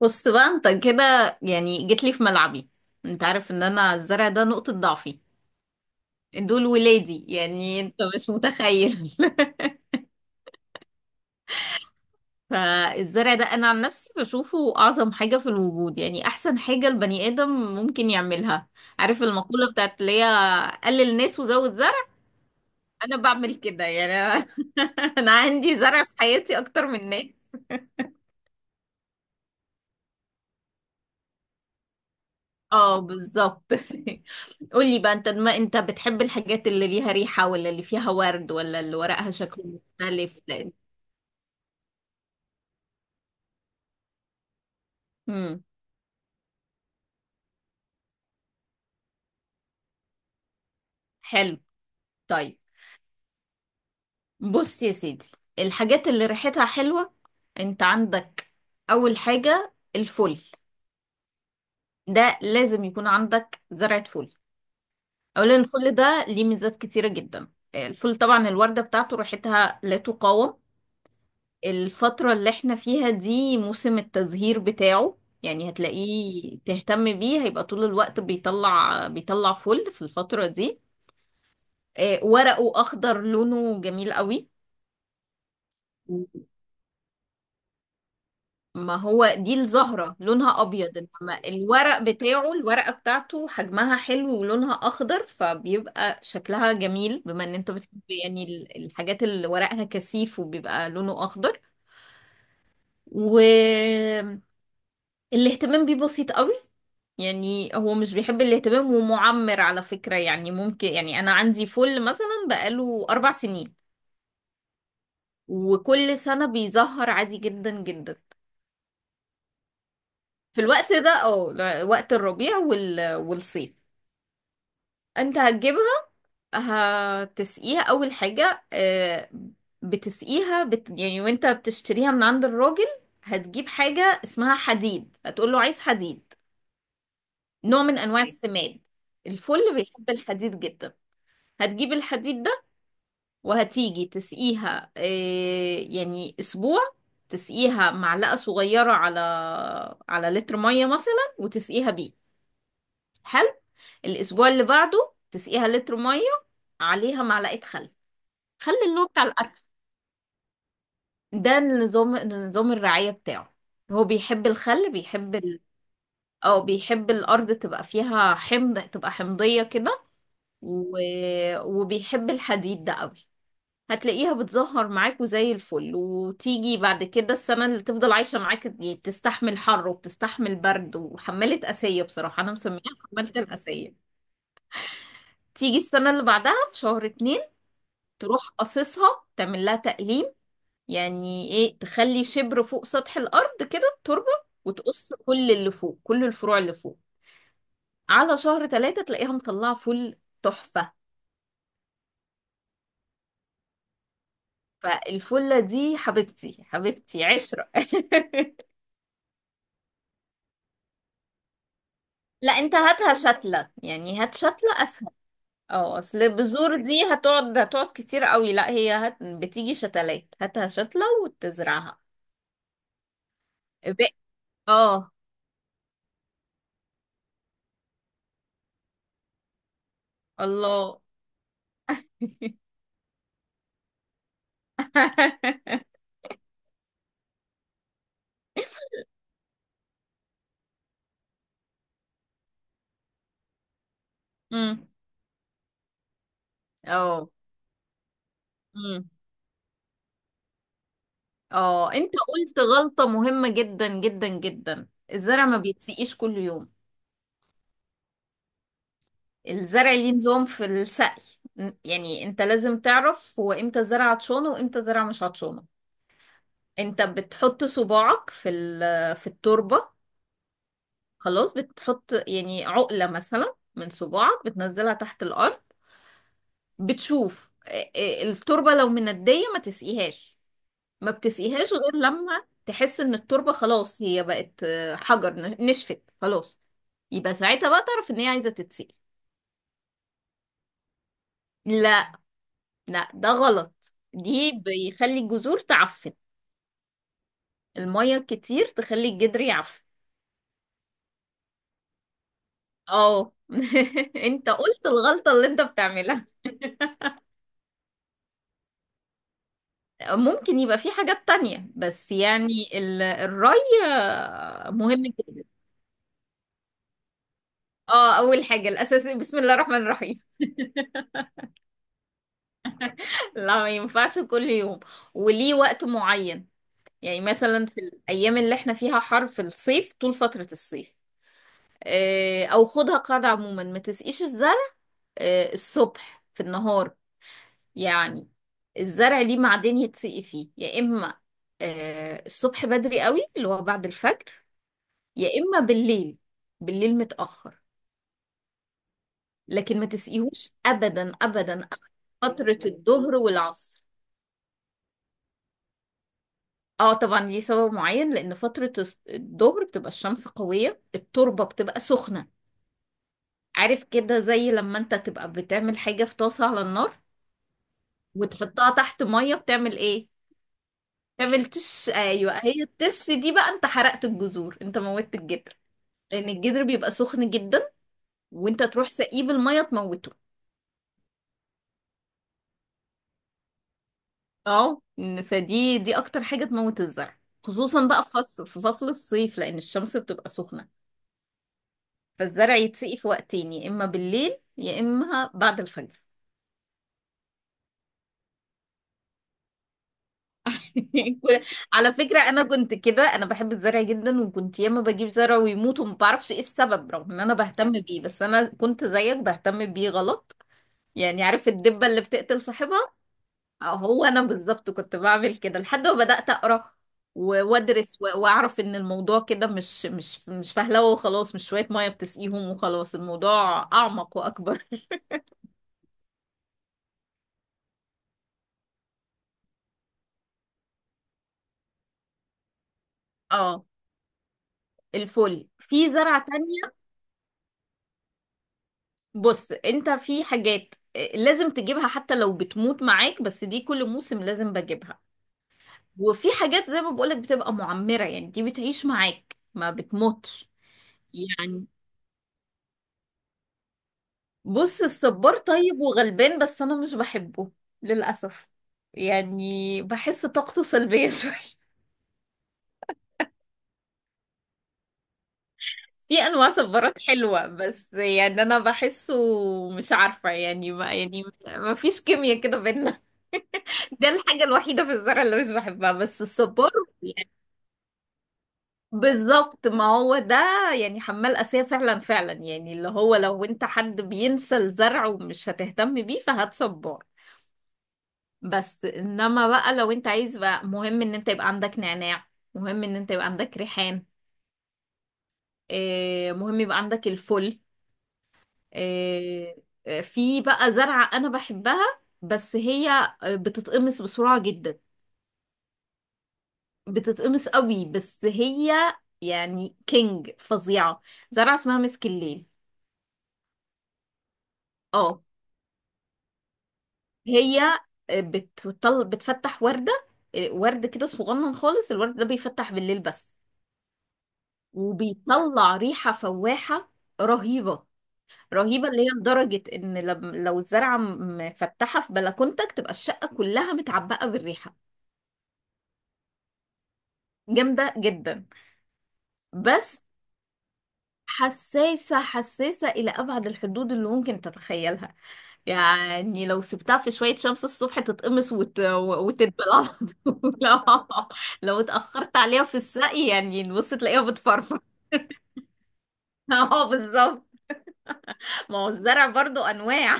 بص بقى، انت كده، يعني جيت لي في ملعبي. انت عارف ان انا الزرع ده نقطة ضعفي، دول ولادي، يعني انت مش متخيل. فالزرع ده انا عن نفسي بشوفه اعظم حاجة في الوجود، يعني احسن حاجة البني ادم ممكن يعملها. عارف المقولة بتاعت اللي هي قلل ناس وزود زرع، انا بعمل كده يعني. انا عندي زرع في حياتي اكتر من ناس. اه، بالظبط. قولي بقى، انت ما انت بتحب الحاجات اللي ليها ريحة، ولا اللي فيها ورد، ولا اللي ورقها شكله مختلف، لان. امم. حلو. طيب. بص يا سيدي، الحاجات اللي ريحتها حلوة انت عندك، اول حاجة الفل. ده لازم يكون عندك زرعة فل. اولا الفل ده ليه ميزات كتيرة جدا. الفل طبعا الوردة بتاعته ريحتها لا تقاوم. الفترة اللي احنا فيها دي موسم التزهير بتاعه، يعني هتلاقيه تهتم بيه هيبقى طول الوقت بيطلع فل في الفترة دي. ورقه أخضر لونه جميل قوي. ما هو دي الزهرة لونها أبيض، إنما الورقة بتاعته حجمها حلو ولونها أخضر، فبيبقى شكلها جميل، بما إن أنت بتحب يعني الحاجات اللي ورقها كثيف وبيبقى لونه أخضر. والاهتمام بيه بسيط قوي، يعني هو مش بيحب الاهتمام، ومعمر على فكرة، يعني ممكن، يعني أنا عندي فل مثلا بقاله 4 سنين، وكل سنة بيزهر عادي جدا جدا. في الوقت ده، أو وقت الربيع والصيف. أنت هتجيبها، هتسقيها أول حاجة. بتسقيها يعني وأنت بتشتريها من عند الراجل، هتجيب حاجة اسمها حديد، هتقول له عايز حديد، نوع من أنواع السماد. الفل بيحب الحديد جدا. هتجيب الحديد ده وهتيجي تسقيها يعني اسبوع. تسقيها معلقة صغيرة على لتر مية مثلا، وتسقيها بيه. حلو. الاسبوع اللي بعده تسقيها لتر مية، عليها معلقة خل، خل اللي هو بتاع الاكل. ده النظام، نظام الرعاية بتاعه. هو بيحب الخل، بيحب او بيحب الارض تبقى فيها حمض، تبقى حمضية كده. و... وبيحب الحديد ده قوي. هتلاقيها بتزهر معاك وزي الفل، وتيجي بعد كده السنة اللي تفضل عايشة معاك، يعني بتستحمل حر وبتستحمل برد، وحمالة قاسية بصراحة، أنا مسميها حمالة القاسية. تيجي السنة اللي بعدها في شهر 2 تروح قصصها، تعمل لها تقليم، يعني ايه، تخلي شبر فوق سطح الأرض كده التربة، وتقص كل اللي فوق، كل الفروع اللي فوق. على شهر 3 تلاقيها مطلعة فل تحفة. فالفلة دي حبيبتي، حبيبتي عشرة. لا، انت هاتها شتلة، يعني هات شتلة اسهل. اه، اصل بذور دي هتقعد كتير قوي. لا، هي بتيجي شتلات، هاتها شتلة وتزرعها. ب... اه. الله. امم. اه. امم. اه، انت قلت غلطة مهمة جدا جدا جدا. الزرع ما بيتسقيش كل يوم. الزرع ليه نظام في السقي. يعني انت لازم تعرف هو امتى زرع هتشونه، وامتى زرع مش هتشونه. انت بتحط صباعك في التربة، خلاص. بتحط يعني عقلة مثلا من صباعك بتنزلها تحت الأرض، بتشوف التربة. لو مندية ما تسقيهاش، ما بتسقيهاش غير لما تحس ان التربة خلاص هي بقت حجر، نشفت خلاص. يبقى ساعتها بقى تعرف ان هي عايزة تتسقي. لا، لا، ده غلط، دي بيخلي الجذور تعفن. المية كتير تخلي الجدر يعفن. اه. انت قلت الغلطة اللي انت بتعملها. ممكن يبقى في حاجات تانية، بس يعني الري مهم جدا. اه، اول حاجة الاساسي بسم الله الرحمن الرحيم. لا، ما ينفعش كل يوم، وليه وقت معين. يعني مثلا في الايام اللي احنا فيها حر في الصيف، طول فترة الصيف، او خدها قاعدة عموما، ما تسقيش الزرع الصبح في النهار، يعني. الزرع ليه معدن يتسقي فيه، يا اما الصبح بدري قوي، اللي هو بعد الفجر، يا اما بالليل، بالليل متأخر. لكن ما تسقيهوش ابدا ابدا أبداً فترة الظهر والعصر. اه، طبعا ليه سبب معين، لان فترة الظهر بتبقى الشمس قوية، التربة بتبقى سخنة. عارف كده، زي لما انت تبقى بتعمل حاجة في طاسة على النار، وتحطها تحت مية، بتعمل ايه؟ تعمل تش، ايوه. هي التش دي بقى، انت حرقت الجذور، انت موتت الجدر، لان الجدر بيبقى سخن جدا، وانت تروح سقيه بالمية تموته. اه، فدي اكتر حاجة تموت الزرع، خصوصا بقى في فصل الصيف، لان الشمس بتبقى سخنة. فالزرع يتسقي في وقتين، يا اما بالليل، يا اما بعد الفجر. كل- على فكرة، انا كنت كده. انا بحب الزرع جدا، وكنت ياما بجيب زرع ويموت وما بعرفش ايه السبب، رغم ان انا بهتم بيه، بس انا كنت زيك بهتم بيه غلط. يعني عارف الدبة اللي بتقتل صاحبها؟ هو انا بالظبط كنت بعمل كده، لحد ما بدأت أقرأ وادرس واعرف ان الموضوع كده مش فهلوه وخلاص، مش شوية مية بتسقيهم وخلاص، الموضوع اعمق واكبر. اه. الفل في زرعة تانية. بص، انت في حاجات لازم تجيبها حتى لو بتموت معاك، بس دي كل موسم لازم بجيبها. وفي حاجات زي ما بقولك بتبقى معمرة، يعني دي بتعيش معاك ما بتموتش. يعني بص الصبار طيب وغلبان، بس انا مش بحبه للاسف. يعني بحس طاقته سلبية شوية. في انواع صبارات حلوة، بس يعني انا بحسه، مش عارفة يعني، ما يعني ما فيش كيمياء كده بينا. ده الحاجة الوحيدة في الزرع اللي مش بحبها بس الصبار. يعني بالظبط، ما هو ده، يعني حمال أسية فعلا فعلا، يعني اللي هو لو انت حد بينسى الزرع ومش هتهتم بيه فهات صبار. بس انما بقى لو انت عايز بقى، مهم ان انت يبقى عندك نعناع، مهم ان انت يبقى عندك ريحان، مهم يبقى عندك الفل. آه، في بقى زرعة انا بحبها، بس هي بتتقمص بسرعة جدا. بتتقمص قوي بس هي، يعني كينج فظيعة. زرعة اسمها مسك الليل. اه. هي بتطل بتفتح وردة، ورد كده صغنن خالص. الورد ده بيفتح بالليل بس، وبيطلع ريحة فواحة رهيبة، رهيبة اللي هي لدرجة ان لو الزرعة مفتحة في بلكونتك تبقى الشقة كلها متعبقة بالريحة. جامدة جدا. بس حساسة حساسة إلى أبعد الحدود اللي ممكن تتخيلها. يعني لو سبتها في شوية شمس الصبح تتقمص وتدبل على طول. لا، لو اتأخرت عليها في السقي يعني بص تلاقيها بتفرفر. اه، بالظبط. ما هو الزرع برضو أنواع،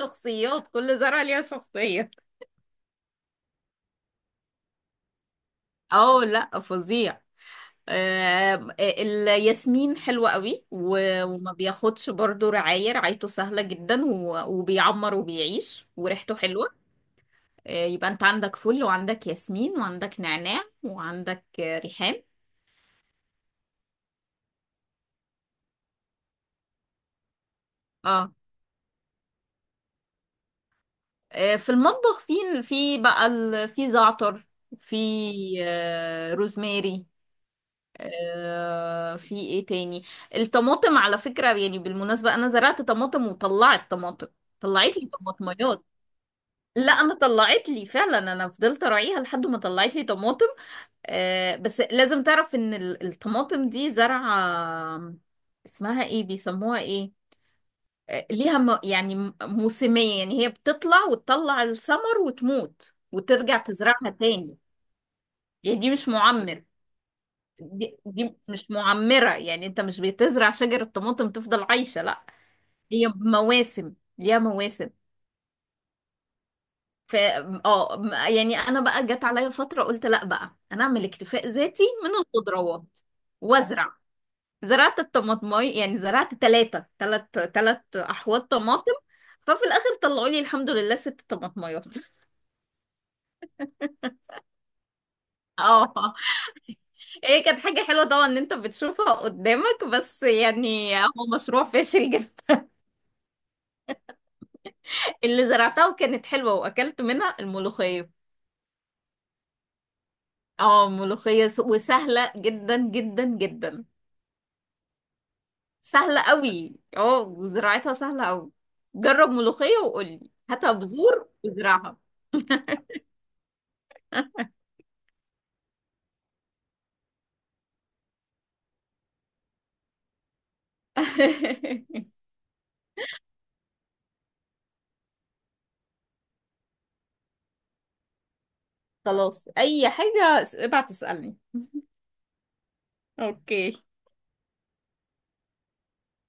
شخصيات، كل زرعة ليها شخصية. اه، لا، فظيع. آه، الياسمين حلوة قوي، وما بياخدش برضو رعاية، رعايته سهلة جدا، وبيعمر وبيعيش وريحته حلوة. يبقى انت عندك فل، وعندك ياسمين، وعندك نعناع، وعندك ريحان. اه. في المطبخ، في بقى في زعتر، في روزماري، في ايه تاني. الطماطم، على فكرة، يعني بالمناسبة، انا زرعت طماطم وطلعت طماطم، طلعت لي طماطميات. لا، انا طلعت لي فعلا، انا فضلت اراعيها لحد ما طلعت لي طماطم. آه، بس لازم تعرف ان الطماطم دي زرعة آه، اسمها ايه، بيسموها ايه. آه، ليها يعني موسمية، يعني هي بتطلع وتطلع الثمر وتموت، وترجع تزرعها تاني. يعني دي مش معمر، دي مش معمرة، يعني انت مش بتزرع شجر الطماطم تفضل عايشة، لا، هي مواسم، ليها مواسم. ف يعني انا بقى جت عليا فترة قلت لا بقى انا اعمل اكتفاء ذاتي من الخضروات، وازرع. زرعت الطماطماي، يعني زرعت 3 احواض طماطم، ففي الاخر طلعوا لي الحمد لله 6 طماطمايات. اه، هي كانت حاجة حلوة طبعا ان انت بتشوفها قدامك، بس يعني هو مشروع فاشل جدا. اللي زرعتها وكانت حلوة، واكلت منها الملوخية. اه، ملوخية وسهلة جدا جدا جدا، سهلة قوي. اه وزراعتها سهلة قوي. جرب ملوخية، وقولي هاتها بذور وزرعها. خلاص، اي حاجة ابعت اسألني. اوكي.